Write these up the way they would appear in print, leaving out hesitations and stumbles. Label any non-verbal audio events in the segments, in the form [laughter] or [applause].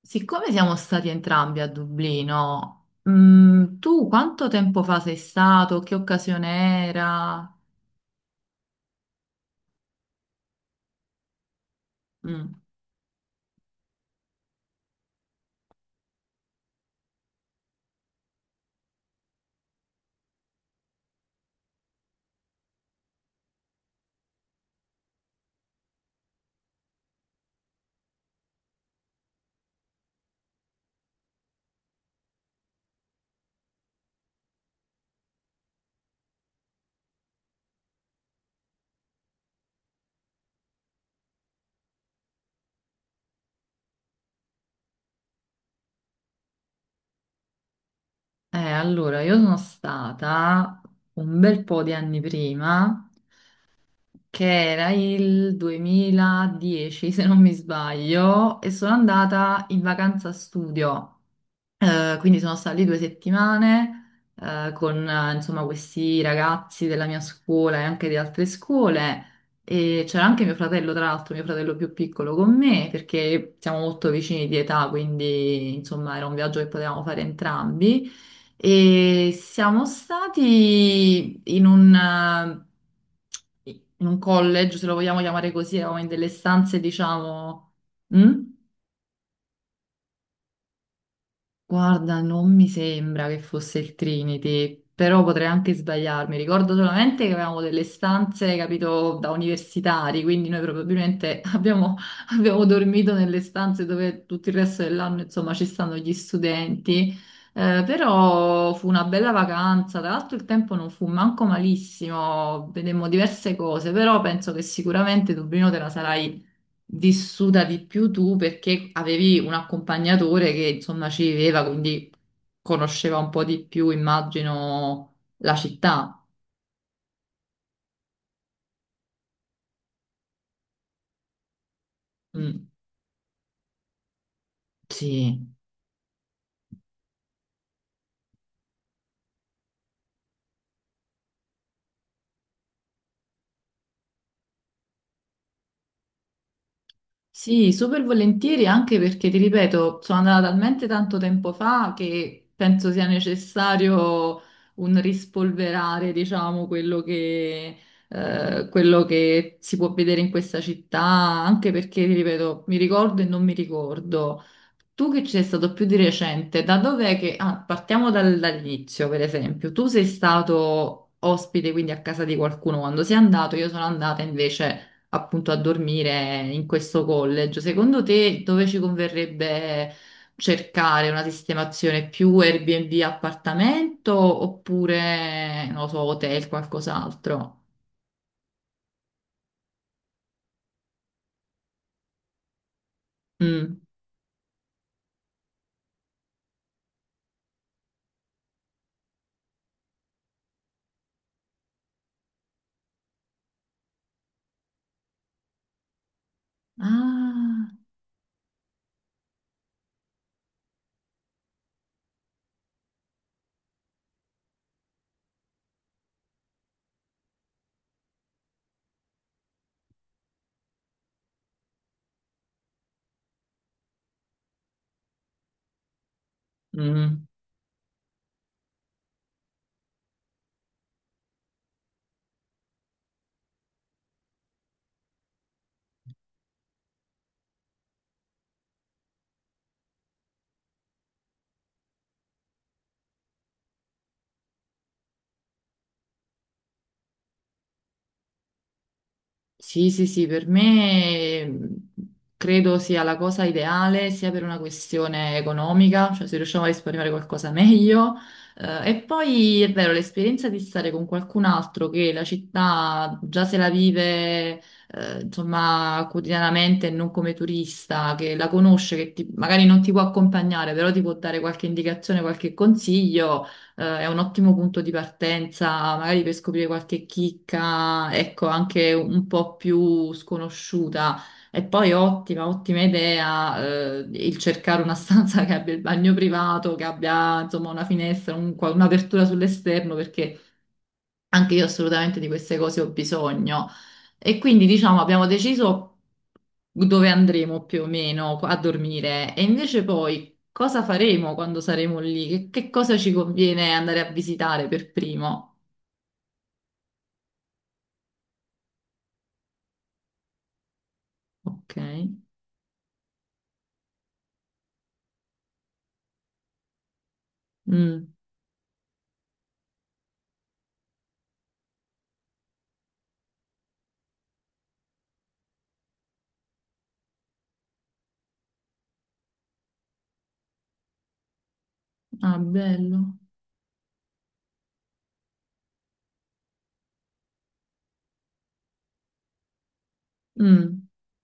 Siccome siamo stati entrambi a Dublino, tu quanto tempo fa sei stato? Che occasione era? Mm. Allora, io sono stata un bel po' di anni prima, che era il 2010, se non mi sbaglio, e sono andata in vacanza studio. Quindi sono stata lì due settimane con insomma questi ragazzi della mia scuola e anche di altre scuole e c'era anche mio fratello, tra l'altro, mio fratello più piccolo con me perché siamo molto vicini di età, quindi insomma era un viaggio che potevamo fare entrambi e siamo stati in un college, se lo vogliamo chiamare così, eravamo in delle stanze, diciamo... Mm? Guarda, non mi sembra che fosse il Trinity, però potrei anche sbagliarmi. Ricordo solamente che avevamo delle stanze, capito, da universitari, quindi noi probabilmente [laughs] abbiamo dormito nelle stanze dove tutto il resto dell'anno, insomma, ci stanno gli studenti. Però fu una bella vacanza, tra l'altro il tempo non fu manco malissimo, vedemmo diverse cose, però penso che sicuramente Dublino te la sarai vissuta di più tu perché avevi un accompagnatore che insomma ci viveva, quindi conosceva un po' di più, immagino, la città. Mm, sì. Sì, super volentieri anche perché ti ripeto, sono andata talmente tanto tempo fa che penso sia necessario un rispolverare, diciamo, quello che si può vedere in questa città, anche perché, ti ripeto, mi ricordo e non mi ricordo. Tu che ci sei stato più di recente, da dov'è che... Ah, partiamo dall'inizio, per esempio. Tu sei stato ospite, quindi a casa di qualcuno quando sei andato, io sono andata invece appunto a dormire in questo college. Secondo te dove ci converrebbe cercare una sistemazione più Airbnb appartamento oppure, non lo so, hotel, qualcos'altro? Mm. Ah, mm. Sì, sì, sì, per me credo sia la cosa ideale sia per una questione economica, cioè se riusciamo a risparmiare qualcosa meglio. E poi è vero, l'esperienza di stare con qualcun altro che la città già se la vive, insomma, quotidianamente e non come turista, che la conosce, magari non ti può accompagnare, però ti può dare qualche indicazione, qualche consiglio, è un ottimo punto di partenza, magari per scoprire qualche chicca, ecco, anche un po' più sconosciuta. E poi ottima, ottima idea, il cercare una stanza [laughs] che abbia il bagno privato, che abbia insomma una finestra, un'apertura sull'esterno, perché anche io assolutamente di queste cose ho bisogno. E quindi, diciamo, abbiamo deciso dove andremo più o meno a dormire. E invece poi cosa faremo quando saremo lì? Che cosa ci conviene andare a visitare per primo? Ok. Mm. Ah, bello. Mm.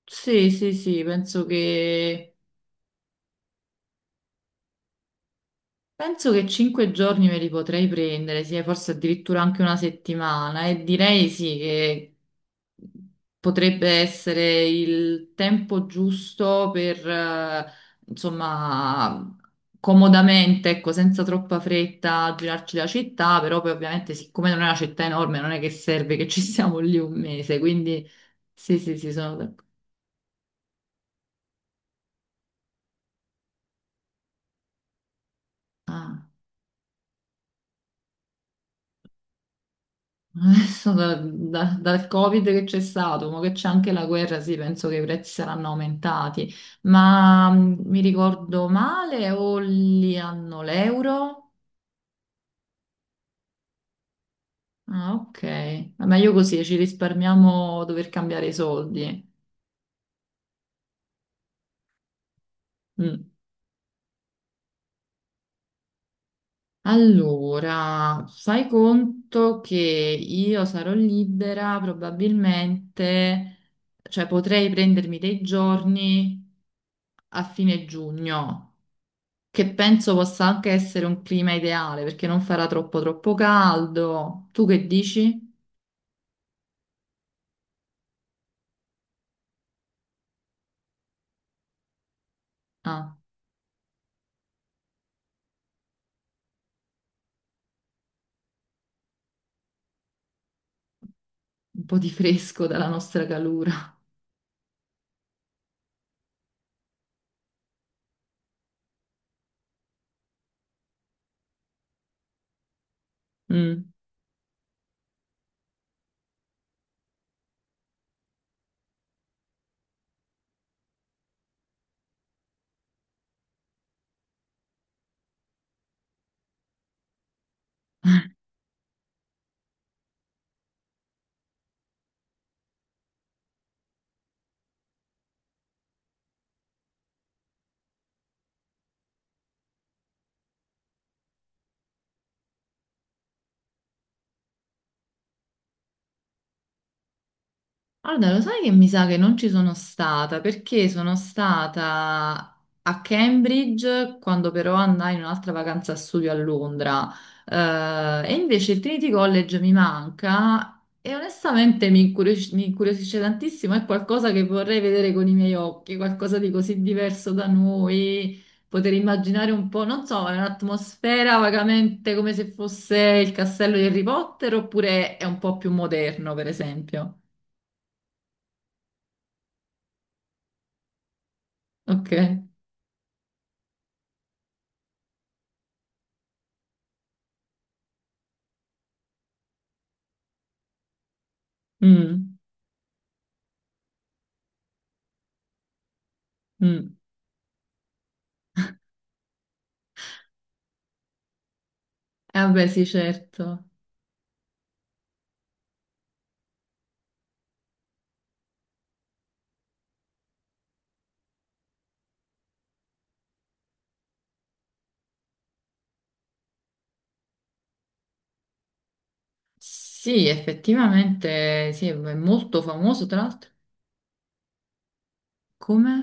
Sì, sì, sì, penso che cinque giorni me li potrei prendere, sì, forse addirittura anche una settimana, e direi sì che potrebbe essere il tempo giusto per, insomma, comodamente, ecco, senza troppa fretta, girarci la città, però poi ovviamente siccome non è una città enorme, non è che serve che ci [laughs] siamo lì un mese, quindi sì, sì, sì, sono d'accordo. Adesso dal Covid che c'è stato, mo che c'è anche la guerra, sì, penso che i prezzi saranno aumentati, ma mi ricordo male o li hanno l'euro? Ah, ok, ma meglio così, ci risparmiamo dover cambiare i soldi. Mm. Allora, fai conto che io sarò libera probabilmente, cioè potrei prendermi dei giorni a fine giugno, che penso possa anche essere un clima ideale perché non farà troppo troppo caldo. Tu che dici? Ah, un po' di fresco dalla nostra calura. Mm. Allora, lo sai che mi sa che non ci sono stata perché sono stata a Cambridge quando però andai in un'altra vacanza a studio a Londra. E invece il Trinity College mi manca e onestamente mi incuriosisce tantissimo, è qualcosa che vorrei vedere con i miei occhi, qualcosa di così diverso da noi, poter immaginare un po', non so, è un'atmosfera vagamente come se fosse il castello di Harry Potter oppure è un po' più moderno, per esempio. Ok. Mm, mm. Vabbè, sì, certo. Sì, effettivamente, sì, è molto famoso, tra l'altro. Come?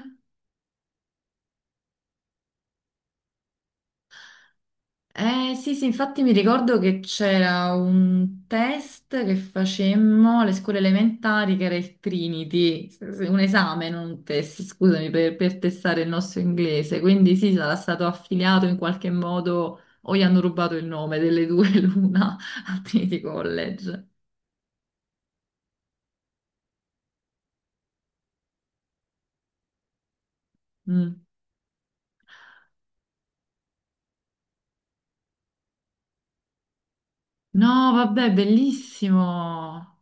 Sì, sì, infatti mi ricordo che c'era un test che facemmo alle scuole elementari, che era il Trinity, un esame, non un test, scusami, per testare il nostro inglese. Quindi sì, sarà stato affiliato in qualche modo, o gli hanno rubato il nome delle due [laughs] l'una al Trinity College. Mm. No, vabbè, bellissimo.